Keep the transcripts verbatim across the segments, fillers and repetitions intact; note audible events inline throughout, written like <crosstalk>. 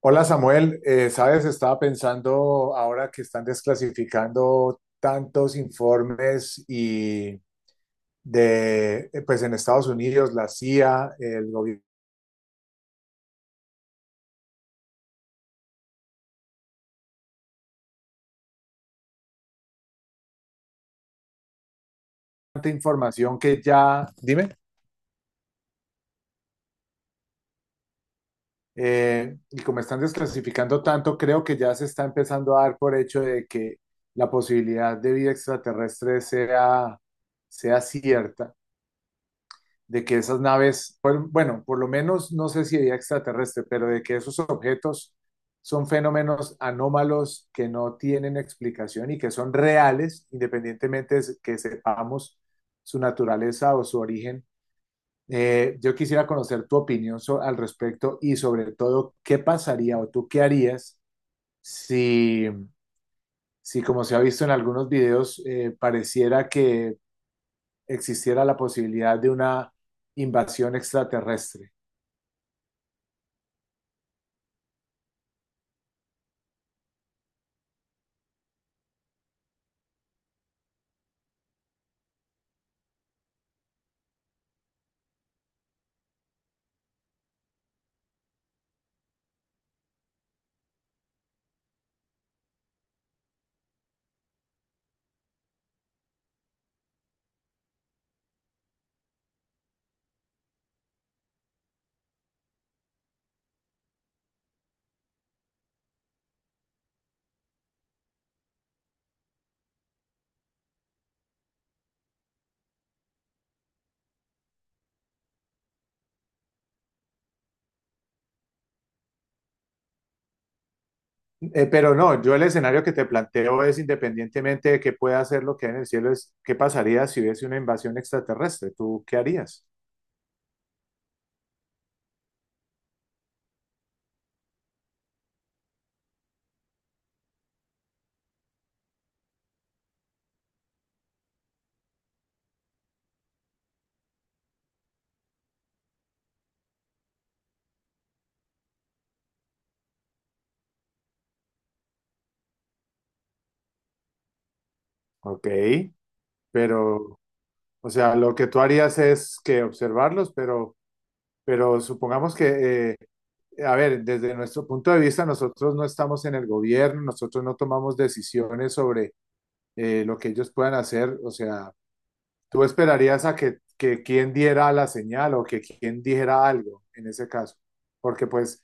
Hola, Samuel. Eh, sabes, estaba pensando ahora que están desclasificando tantos informes y de, eh, pues en Estados Unidos, la C I A, el gobierno, tanta información que ya, dime, eh, y como están desclasificando tanto, creo que ya se está empezando a dar por hecho de que la posibilidad de vida extraterrestre sea, sea cierta. De que esas naves, fueron- bueno, por lo menos no sé si había extraterrestre, pero de que esos objetos son fenómenos anómalos que no tienen explicación y que son reales, independientemente de que sepamos su naturaleza o su origen. Eh, yo quisiera conocer tu opinión so- al respecto y, sobre todo, ¿qué pasaría o tú qué harías si, si, como se ha visto en algunos videos, eh, pareciera que existiera la posibilidad de una invasión extraterrestre? Eh, pero no, yo el escenario que te planteo es, independientemente de que pueda hacer lo que hay en el cielo, es qué pasaría si hubiese una invasión extraterrestre. ¿Tú qué harías? Ok, pero, o sea, lo que tú harías es que observarlos, pero, pero supongamos que, eh, a ver, desde nuestro punto de vista, nosotros no estamos en el gobierno, nosotros no tomamos decisiones sobre eh, lo que ellos puedan hacer. O sea, tú esperarías a que, que quien diera la señal o que quien dijera algo en ese caso, porque pues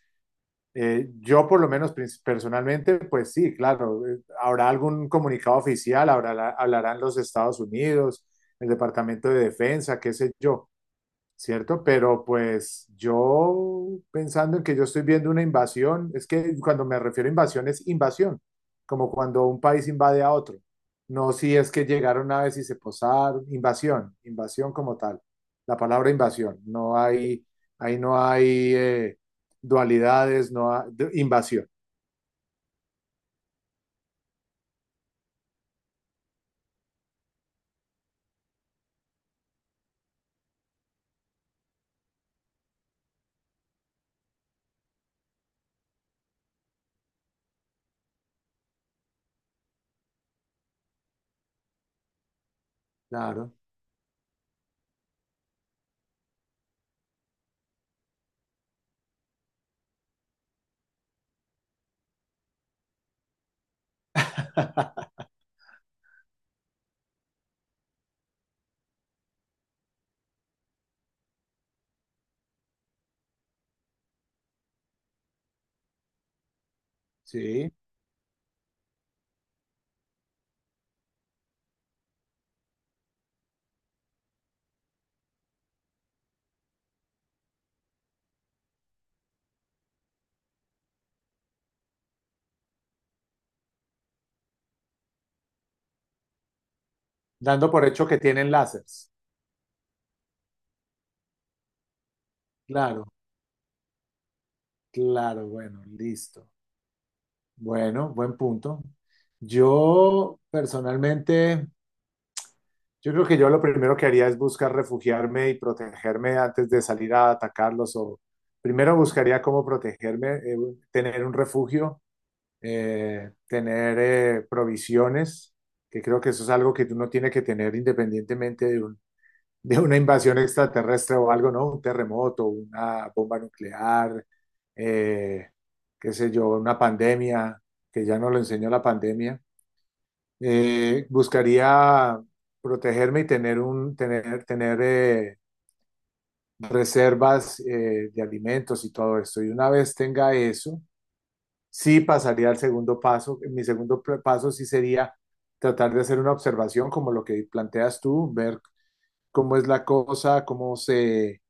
Eh, yo por lo menos pers- personalmente, pues sí, claro, eh, habrá algún comunicado oficial, habrá, hablarán los Estados Unidos, el Departamento de Defensa, qué sé yo, ¿cierto? Pero pues yo, pensando en que yo estoy viendo una invasión, es que cuando me refiero a invasión es invasión, como cuando un país invade a otro. No si es que llegaron una vez y se posaron, invasión, invasión como tal, la palabra invasión, no hay, ahí no hay eh, dualidades, no hay de- invasión, claro, sí, dando por hecho que tienen láseres, claro, claro, bueno, listo. Bueno, buen punto. Yo personalmente, yo creo que yo lo primero que haría es buscar refugiarme y protegerme antes de salir a atacarlos o primero buscaría cómo protegerme, eh, tener un refugio, eh, tener eh, provisiones, que creo que eso es algo que uno tiene que tener independientemente de un, de una invasión extraterrestre o algo, ¿no? Un terremoto, una bomba nuclear, eh, qué sé yo, una pandemia, que ya nos lo enseñó la pandemia. Eh, buscaría protegerme y tener, un, tener, tener eh, reservas eh, de alimentos y todo esto. Y una vez tenga eso, sí pasaría al segundo paso. Mi segundo pr- paso sí sería tratar de hacer una observación como lo que planteas tú, ver cómo es la cosa, cómo se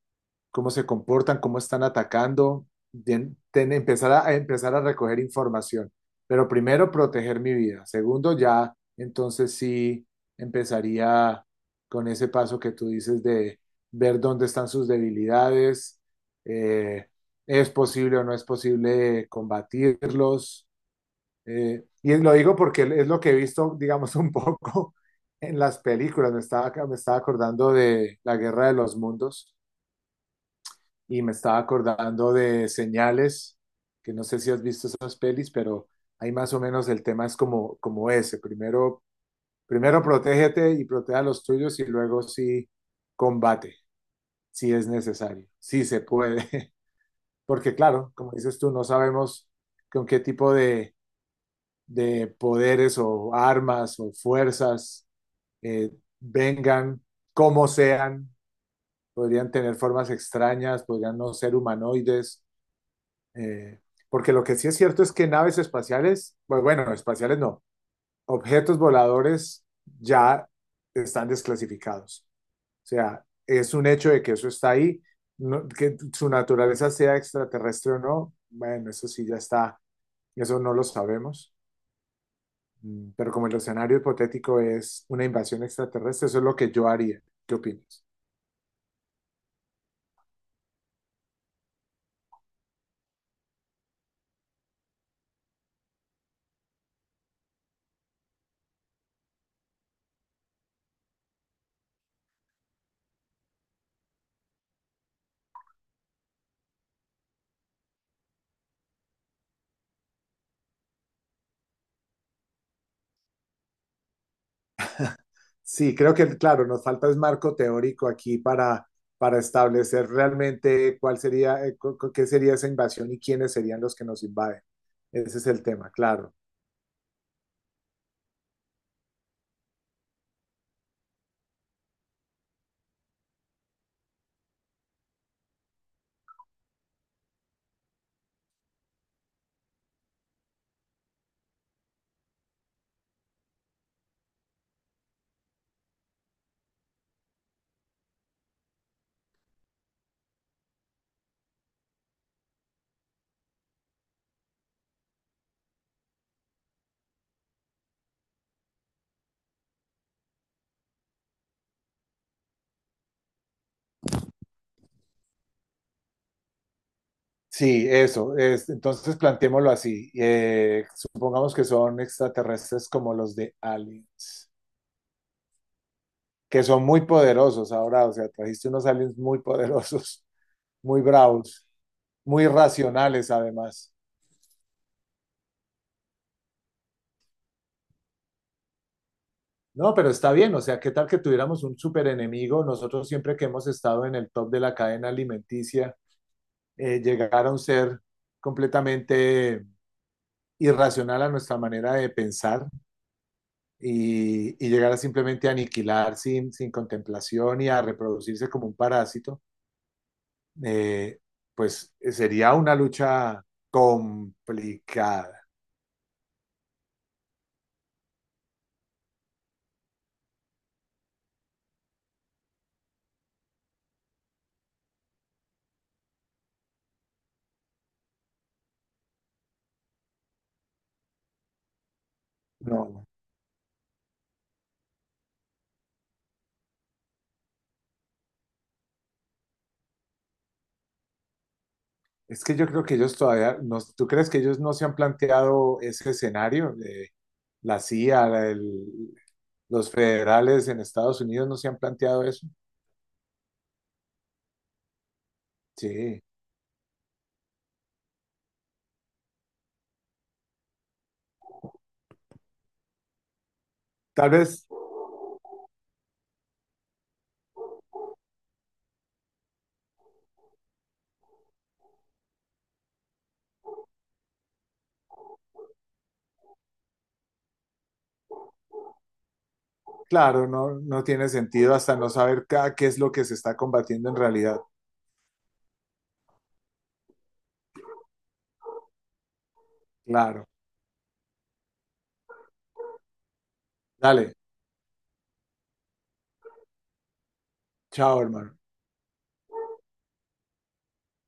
cómo se comportan, cómo están atacando, bien, ten- empezar a, a empezar a recoger información. Pero primero, proteger mi vida. Segundo, ya entonces sí empezaría con ese paso que tú dices de ver dónde están sus debilidades, eh, es posible o no es posible combatirlos. Eh, y lo digo porque es lo que he visto, digamos, un poco <laughs> en las películas. Me estaba, me estaba acordando de La Guerra de los Mundos y me estaba acordando de Señales, que no sé si has visto esas pelis, pero ahí más o menos el tema es como, como ese. Primero, primero protégete y protege a los tuyos y luego sí combate, si es necesario, si se puede. <laughs> Porque claro, como dices tú, no sabemos con qué tipo de, de poderes o armas o fuerzas eh, vengan, cómo sean, podrían tener formas extrañas, podrían no ser humanoides. Eh, Porque lo que sí es cierto es que naves espaciales, pues bueno, espaciales no, objetos voladores ya están desclasificados. O sea, es un hecho de que eso está ahí, no- que su naturaleza sea extraterrestre o no, bueno, eso sí ya está, eso no lo sabemos. Mm, pero como el escenario hipotético es una invasión extraterrestre, eso es lo que yo haría. ¿Qué opinas? Sí, creo que, claro, nos falta es marco teórico aquí para, para establecer realmente cuál sería, eh, cu- cu- qué sería esa invasión y quiénes serían los que nos invaden. Ese es el tema, claro. Sí, eso. Es, entonces planteémoslo así. Eh, supongamos que son extraterrestres como los de Aliens, que son muy poderosos ahora. O sea, trajiste unos aliens muy poderosos, muy bravos, muy racionales además. No, pero está bien, o sea, ¿qué tal que tuviéramos un super enemigo? Nosotros siempre que hemos estado en el top de la cadena alimenticia, eh, llegar a un ser completamente irracional a nuestra manera de pensar y, y llegar a simplemente aniquilar sin, sin contemplación y a reproducirse como un parásito, eh, pues eh, sería una lucha complicada. No, es que yo creo que ellos todavía, no, ¿tú crees que ellos no se han planteado ese escenario? Eh, la C I A, la- el- los federales en Estados Unidos no se han planteado eso. Sí, tal vez, claro, no, no tiene sentido hasta no saber ca- qué es lo que se está combatiendo en realidad. Claro. Dale, chao, hermano.